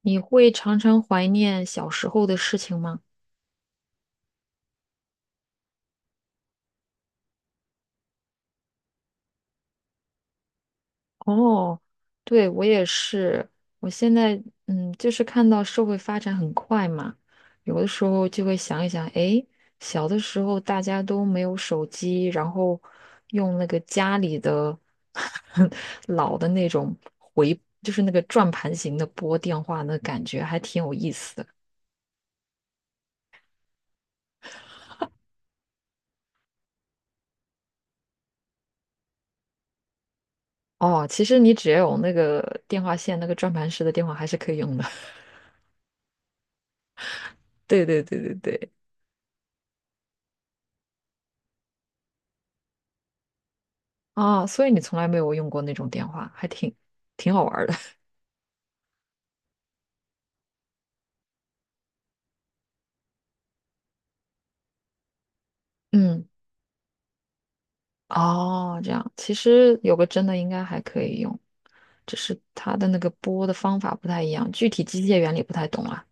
你会常常怀念小时候的事情吗？哦，对，我也是。我现在就是看到社会发展很快嘛，有的时候就会想一想，诶，小的时候大家都没有手机，然后用那个家里的 老的那种回，就是那个转盘型的拨电话，那感觉还挺有意思的。哦，其实你只要有那个电话线，那个转盘式的电话还是可以用的。对对对对对。啊，所以你从来没有用过那种电话，还挺好玩儿的。嗯，哦，这样，其实有个真的应该还可以用，只是它的那个拨的方法不太一样，具体机械原理不太懂啊。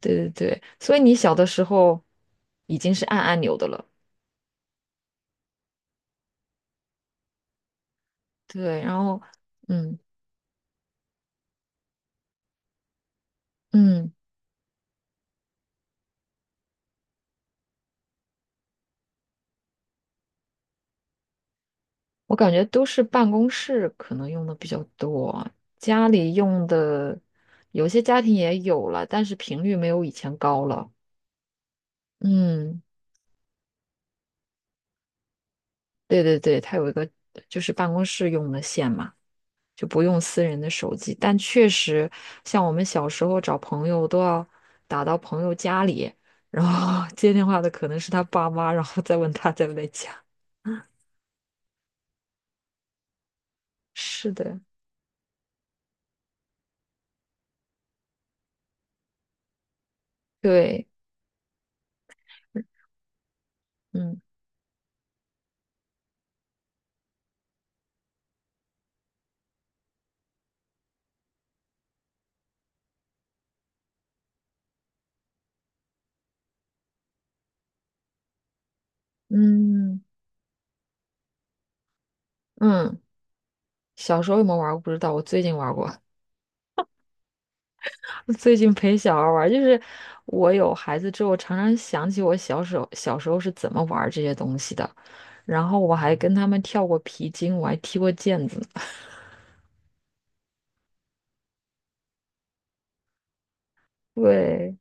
对对对，所以你小的时候已经是按按钮的了。对，然后，嗯嗯，我感觉都是办公室可能用的比较多，家里用的有些家庭也有了，但是频率没有以前高了。嗯。对对对，它有一个就是办公室用的线嘛，就不用私人的手机。但确实，像我们小时候找朋友都要打到朋友家里，然后 接电话的可能是他爸妈，然后再问他在不在家。是的，对，嗯嗯嗯，小时候有没有玩过不知道，我最近玩过。最近陪小孩儿玩儿就是我有孩子之后，常常想起我小时候是怎么玩儿这些东西的。然后我还跟他们跳过皮筋，我还踢过毽子呢对，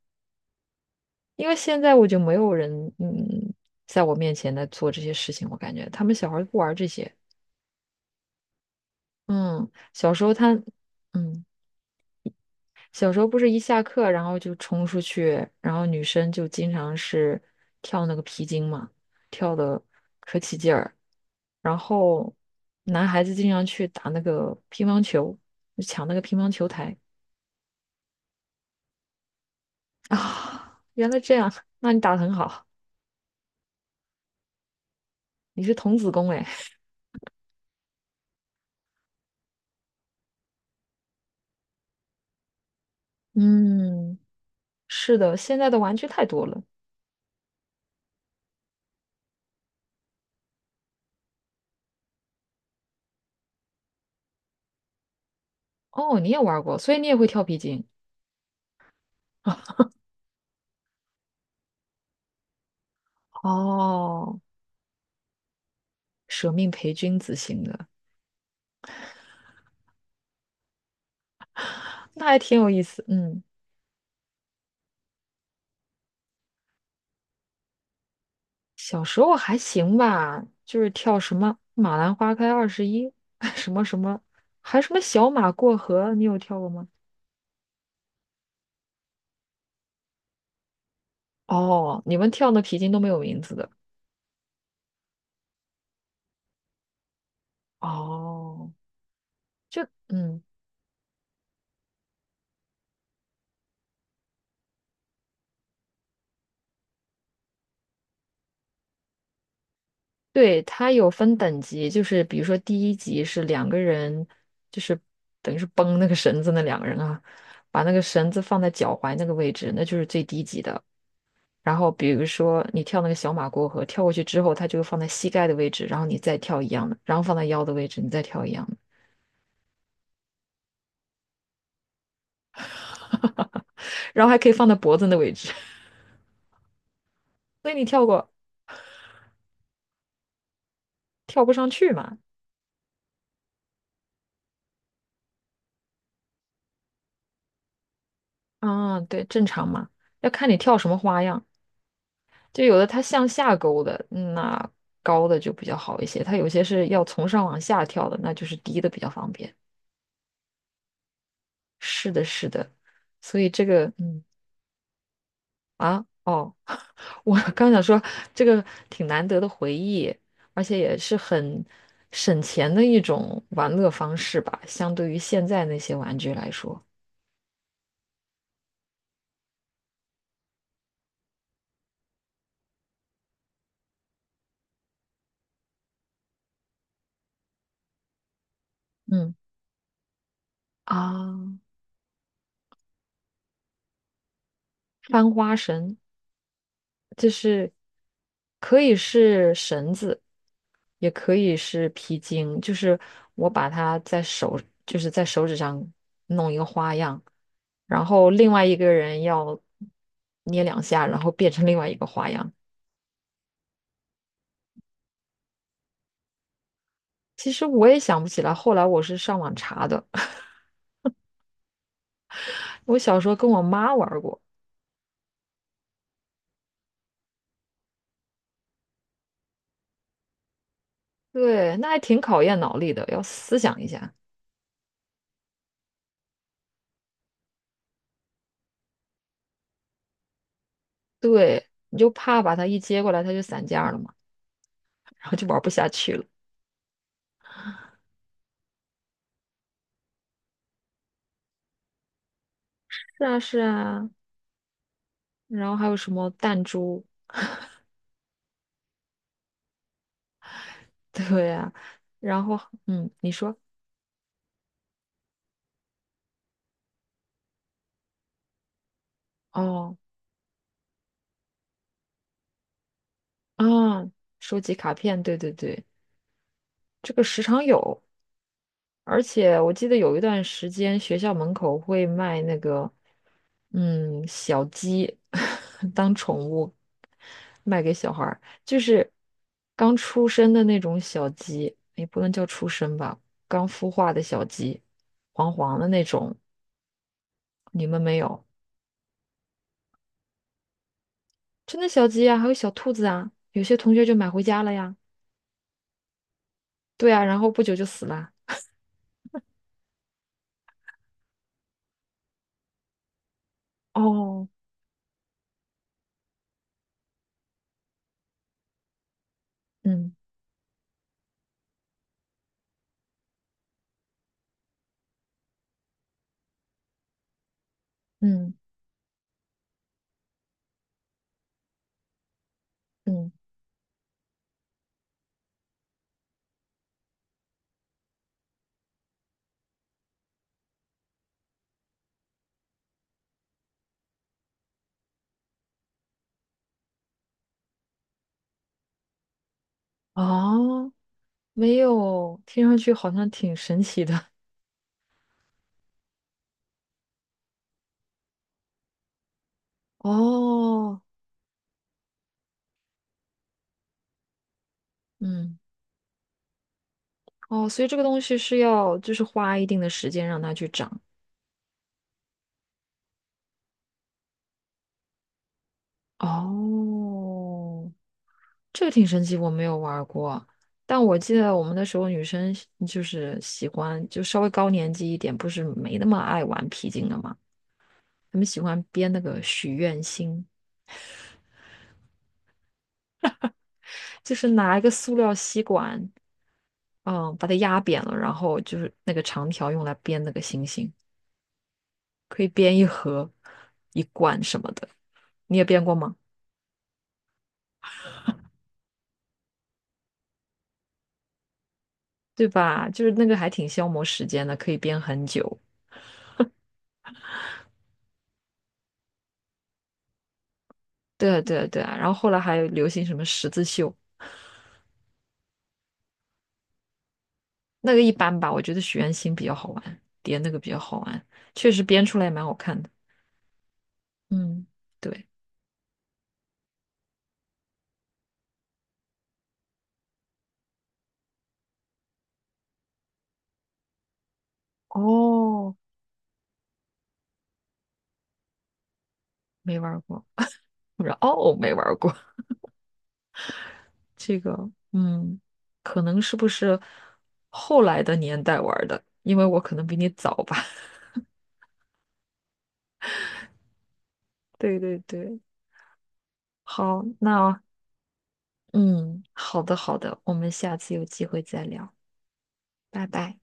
因为现在我就没有人嗯，在我面前来做这些事情，我感觉他们小孩儿不玩儿这些。嗯，小时候他嗯。小时候不是一下课，然后就冲出去，然后女生就经常是跳那个皮筋嘛，跳的可起劲儿。然后男孩子经常去打那个乒乓球，就抢那个乒乓球台啊。原来这样，那你打的很好，你是童子功哎。嗯，是的，现在的玩具太多了。哦，你也玩过，所以你也会跳皮筋。哦，舍命陪君子型的，那还挺有意思。嗯。小时候还行吧，就是跳什么《马兰花开二十一》，什么什么，还什么小马过河，你有跳过吗？哦，你们跳的皮筋都没有名字的。哦，就对，它有分等级，就是比如说第一级是两个人，就是等于是绷那个绳子那两个人啊，把那个绳子放在脚踝那个位置，那就是最低级的。然后比如说你跳那个小马过河，跳过去之后，它就放在膝盖的位置，然后你再跳一样的，然后放在腰的位置，你再跳一样的，然后还可以放在脖子的位置。所以你跳过跳不上去嘛？啊，对，正常嘛，要看你跳什么花样。就有的它向下勾的，那高的就比较好一些；它有些是要从上往下跳的，那就是低的比较方便。是的，是的，所以这个，啊，哦。我刚想说，这个挺难得的回忆，而且也是很省钱的一种玩乐方式吧，相对于现在那些玩具来说。嗯，啊，翻花绳就是可以是绳子，也可以是皮筋，就是我把它在手，就是在手指上弄一个花样，然后另外一个人要捏两下，然后变成另外一个花样。其实我也想不起来，后来我是上网查的。我小时候跟我妈玩儿过，对，那还挺考验脑力的，要思想一下。对，你就怕把它一接过来，它就散架了嘛，然后就玩不下去了。是啊，是啊。然后还有什么弹珠？对呀、然后，嗯，你说，哦，啊，收集卡片，对对对，这个时常有。而且我记得有一段时间，学校门口会卖那个，嗯，小鸡 当宠物卖给小孩儿，就是刚出生的那种小鸡，也不能叫出生吧，刚孵化的小鸡，黄黄的那种。你们没有？真的小鸡啊，还有小兔子啊，有些同学就买回家了呀。对啊，然后不久就死了。哦，嗯嗯嗯，哦，没有，听上去好像挺神奇的。哦，嗯，哦，所以这个东西是要就是花一定的时间让它去长。哦，这个挺神奇，我没有玩儿过，但我记得我们那时候女生就是喜欢，就稍微高年级一点，不是没那么爱玩皮筋了嘛，她们喜欢编那个许愿星，就是拿一个塑料吸管，嗯，把它压扁了，然后就是那个长条用来编那个星星，可以编一盒、一罐什么的。你也编过吗？对吧？就是那个还挺消磨时间的，可以编很久。对啊，对啊，对啊。然后后来还有流行什么十字绣，那个一般吧，我觉得许愿星比较好玩，叠那个比较好玩，确实编出来也蛮好看的。嗯，对。哦，没玩儿过，不知道哦，没玩儿过 这个。嗯，可能是不是后来的年代玩儿的？因为我可能比你早吧。对对对，好，那嗯，好的好的，我们下次有机会再聊，拜拜。